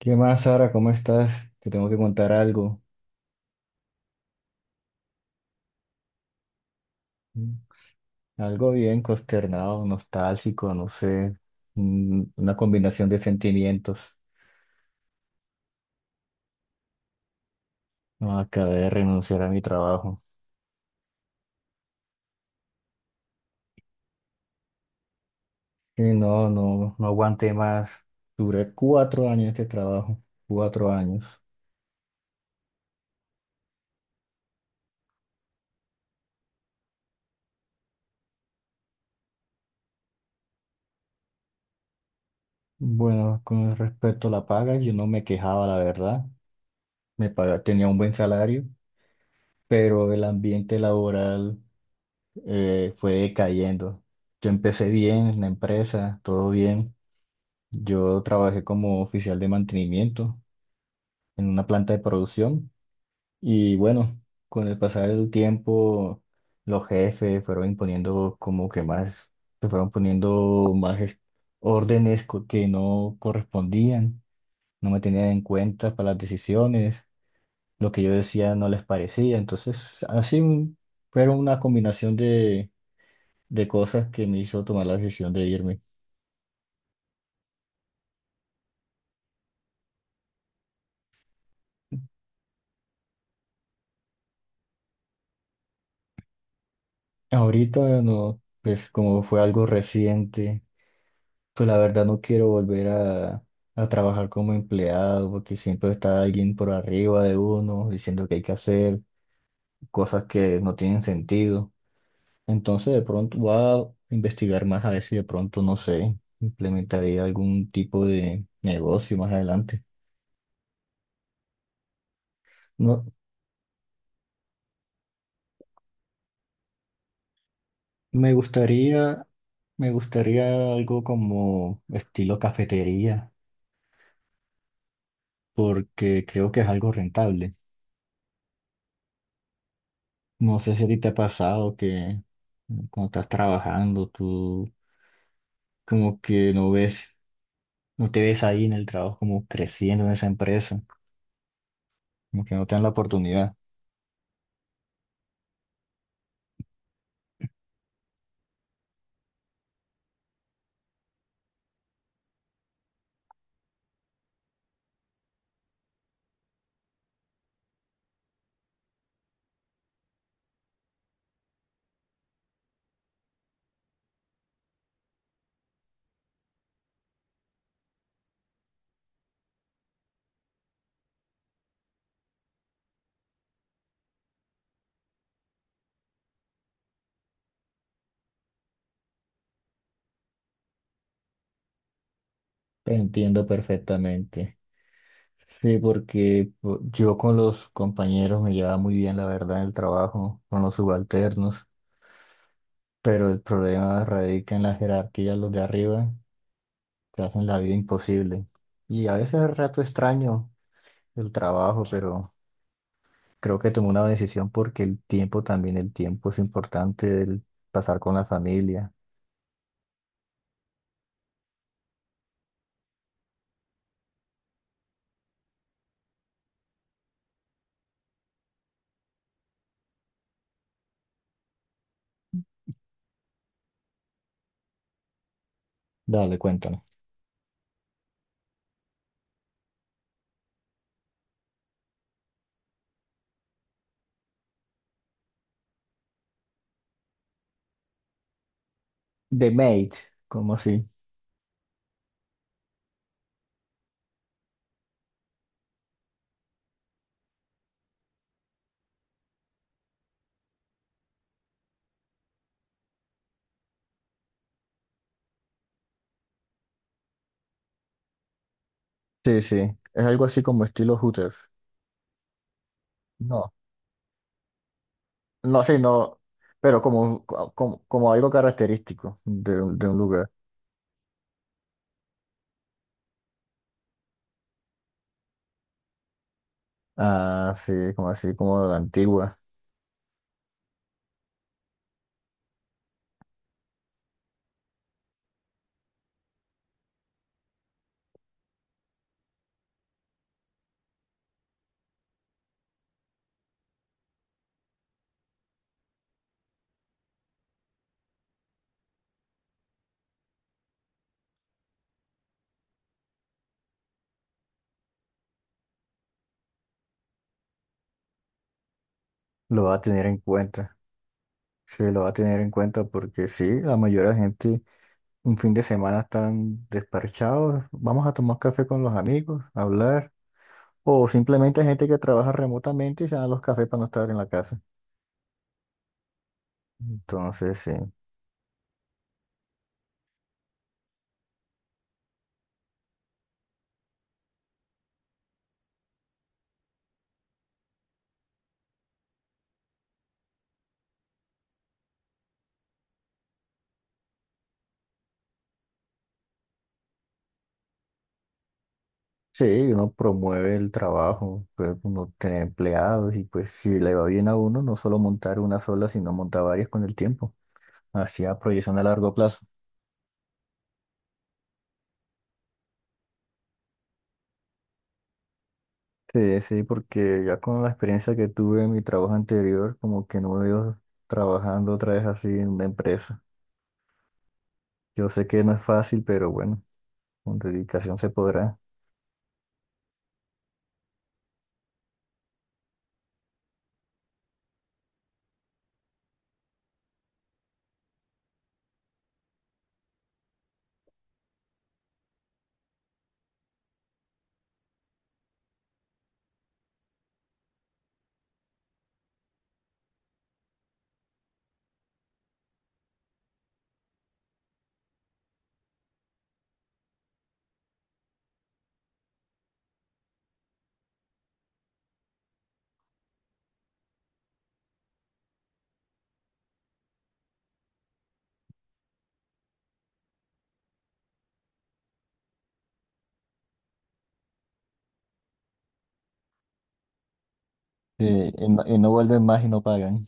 ¿Qué más, Sara? ¿Cómo estás? Te tengo que contar algo. Mm. Algo bien consternado, nostálgico, no sé. Una combinación de sentimientos. No, acabé de renunciar a mi trabajo. Y no, no, no aguanté más. Duré 4 años en este trabajo. 4 años. Bueno, con respecto a la paga, yo no me quejaba, la verdad. Me pagaba, tenía un buen salario, pero el ambiente laboral fue decayendo. Yo empecé bien en la empresa, todo bien. Yo trabajé como oficial de mantenimiento en una planta de producción y bueno, con el pasar del tiempo los jefes fueron imponiendo como que más, se fueron poniendo más órdenes que no correspondían, no me tenían en cuenta para las decisiones, lo que yo decía no les parecía, entonces así un- fueron una combinación de cosas que me hizo tomar la decisión de irme. Ahorita no, pues como fue algo reciente. Pues la verdad no quiero volver a trabajar como empleado porque siempre está alguien por arriba de uno diciendo que hay que hacer cosas que no tienen sentido. Entonces de pronto voy a investigar más a ver si de pronto, no sé, implementaría algún tipo de negocio más adelante. No, me gustaría, me gustaría algo como estilo cafetería porque creo que es algo rentable. No sé si a ti te ha pasado que cuando estás trabajando, tú como que no ves, no te ves ahí en el trabajo como creciendo en esa empresa, como que no te dan la oportunidad. Te entiendo perfectamente. Sí, porque yo con los compañeros me llevaba muy bien, la verdad, en el trabajo, con los subalternos, pero el problema radica en la jerarquía, los de arriba te hacen la vida imposible. Y a veces es rato extraño el trabajo, pero creo que tomé una decisión porque el tiempo también, el tiempo es importante, el pasar con la familia. Dale, cuéntame. The Mate, como así? Sí, sí. Es algo así como estilo Hooters. No, no, sí, no. Pero como, como algo característico de un lugar. Ah, sí, como así, como la antigua. Lo va a tener en cuenta. Sí, lo va a tener en cuenta porque sí, la mayoría de gente un fin de semana están despachados. Vamos a tomar café con los amigos, hablar. O simplemente hay gente que trabaja remotamente y se dan los cafés para no estar en la casa. Entonces, sí. Sí, uno promueve el trabajo, pues uno tiene empleados y pues si le va bien a uno, no solo montar una sola, sino montar varias con el tiempo. Hacia proyección a largo plazo. Sí, sí, porque ya con la experiencia que tuve en mi trabajo anterior, como que no me veo trabajando otra vez así en una empresa. Yo sé que no es fácil, pero bueno, con dedicación se podrá. Sí, y no vuelven más y no pagan.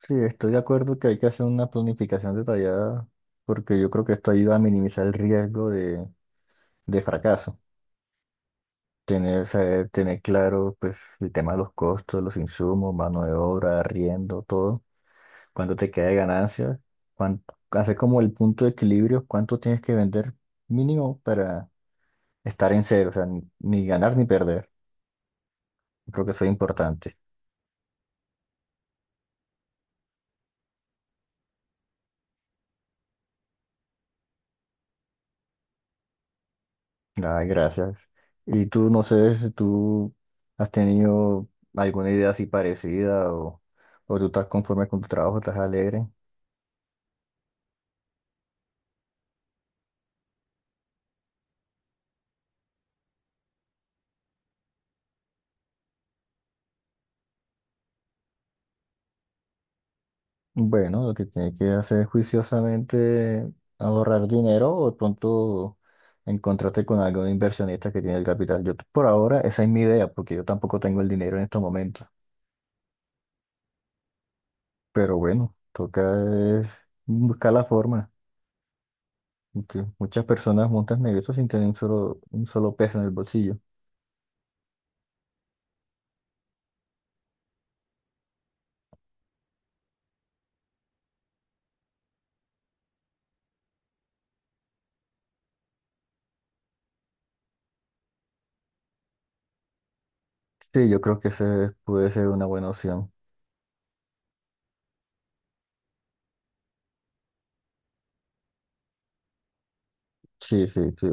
Sí, estoy de acuerdo que hay que hacer una planificación detallada porque yo creo que esto ayuda a minimizar el riesgo de fracaso. Tener, saber, tener claro pues, el tema de los costos, los insumos, mano de obra, arriendo, todo. Cuánto te queda de ganancia. Cuánto, hacer como el punto de equilibrio, cuánto tienes que vender mínimo para estar en cero. O sea, ni ganar ni perder. Creo que eso es importante. Ay, gracias. Y tú, no sé si tú has tenido alguna idea así parecida o tú estás conforme con tu trabajo, estás alegre. Bueno, lo que tiene que hacer es juiciosamente ahorrar dinero o de pronto encontrarte con algún inversionista que tiene el capital. Yo por ahora esa es mi idea, porque yo tampoco tengo el dinero en estos momentos. Pero bueno, toca es buscar la forma, porque muchas personas montan negocios sin tener un solo peso en el bolsillo. Sí, yo creo que esa puede ser una buena opción. Sí, sí, sí.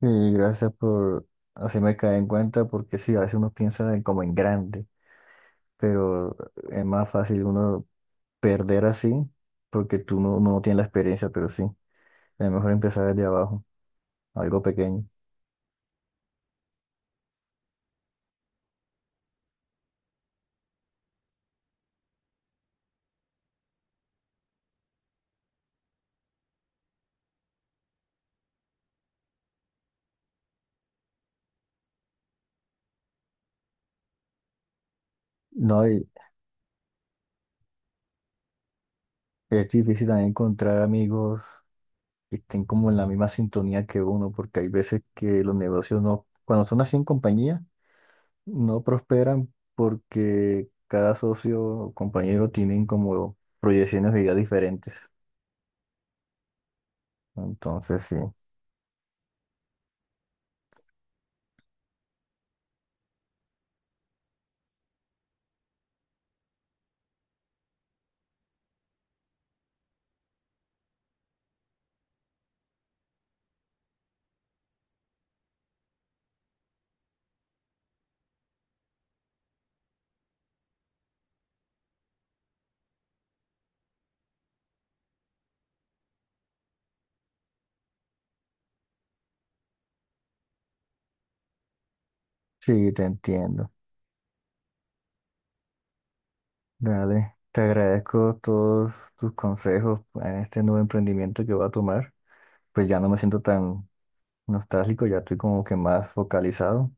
Y gracias por hacerme caer en cuenta, porque sí, a veces uno piensa en como en grande, pero es más fácil uno perder así porque tú no, no tienes la experiencia, pero sí, es mejor empezar desde abajo, algo pequeño. No, y es difícil también encontrar amigos que estén como en la misma sintonía que uno, porque hay veces que los negocios no, cuando son así en compañía, no prosperan porque cada socio o compañero tienen como proyecciones de vida diferentes. Entonces, sí, sí, te entiendo. Dale, te agradezco todos tus consejos en este nuevo emprendimiento que voy a tomar. Pues ya no me siento tan nostálgico, ya estoy como que más focalizado.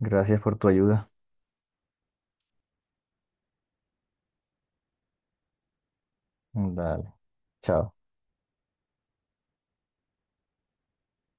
Gracias por tu ayuda. Dale, chao.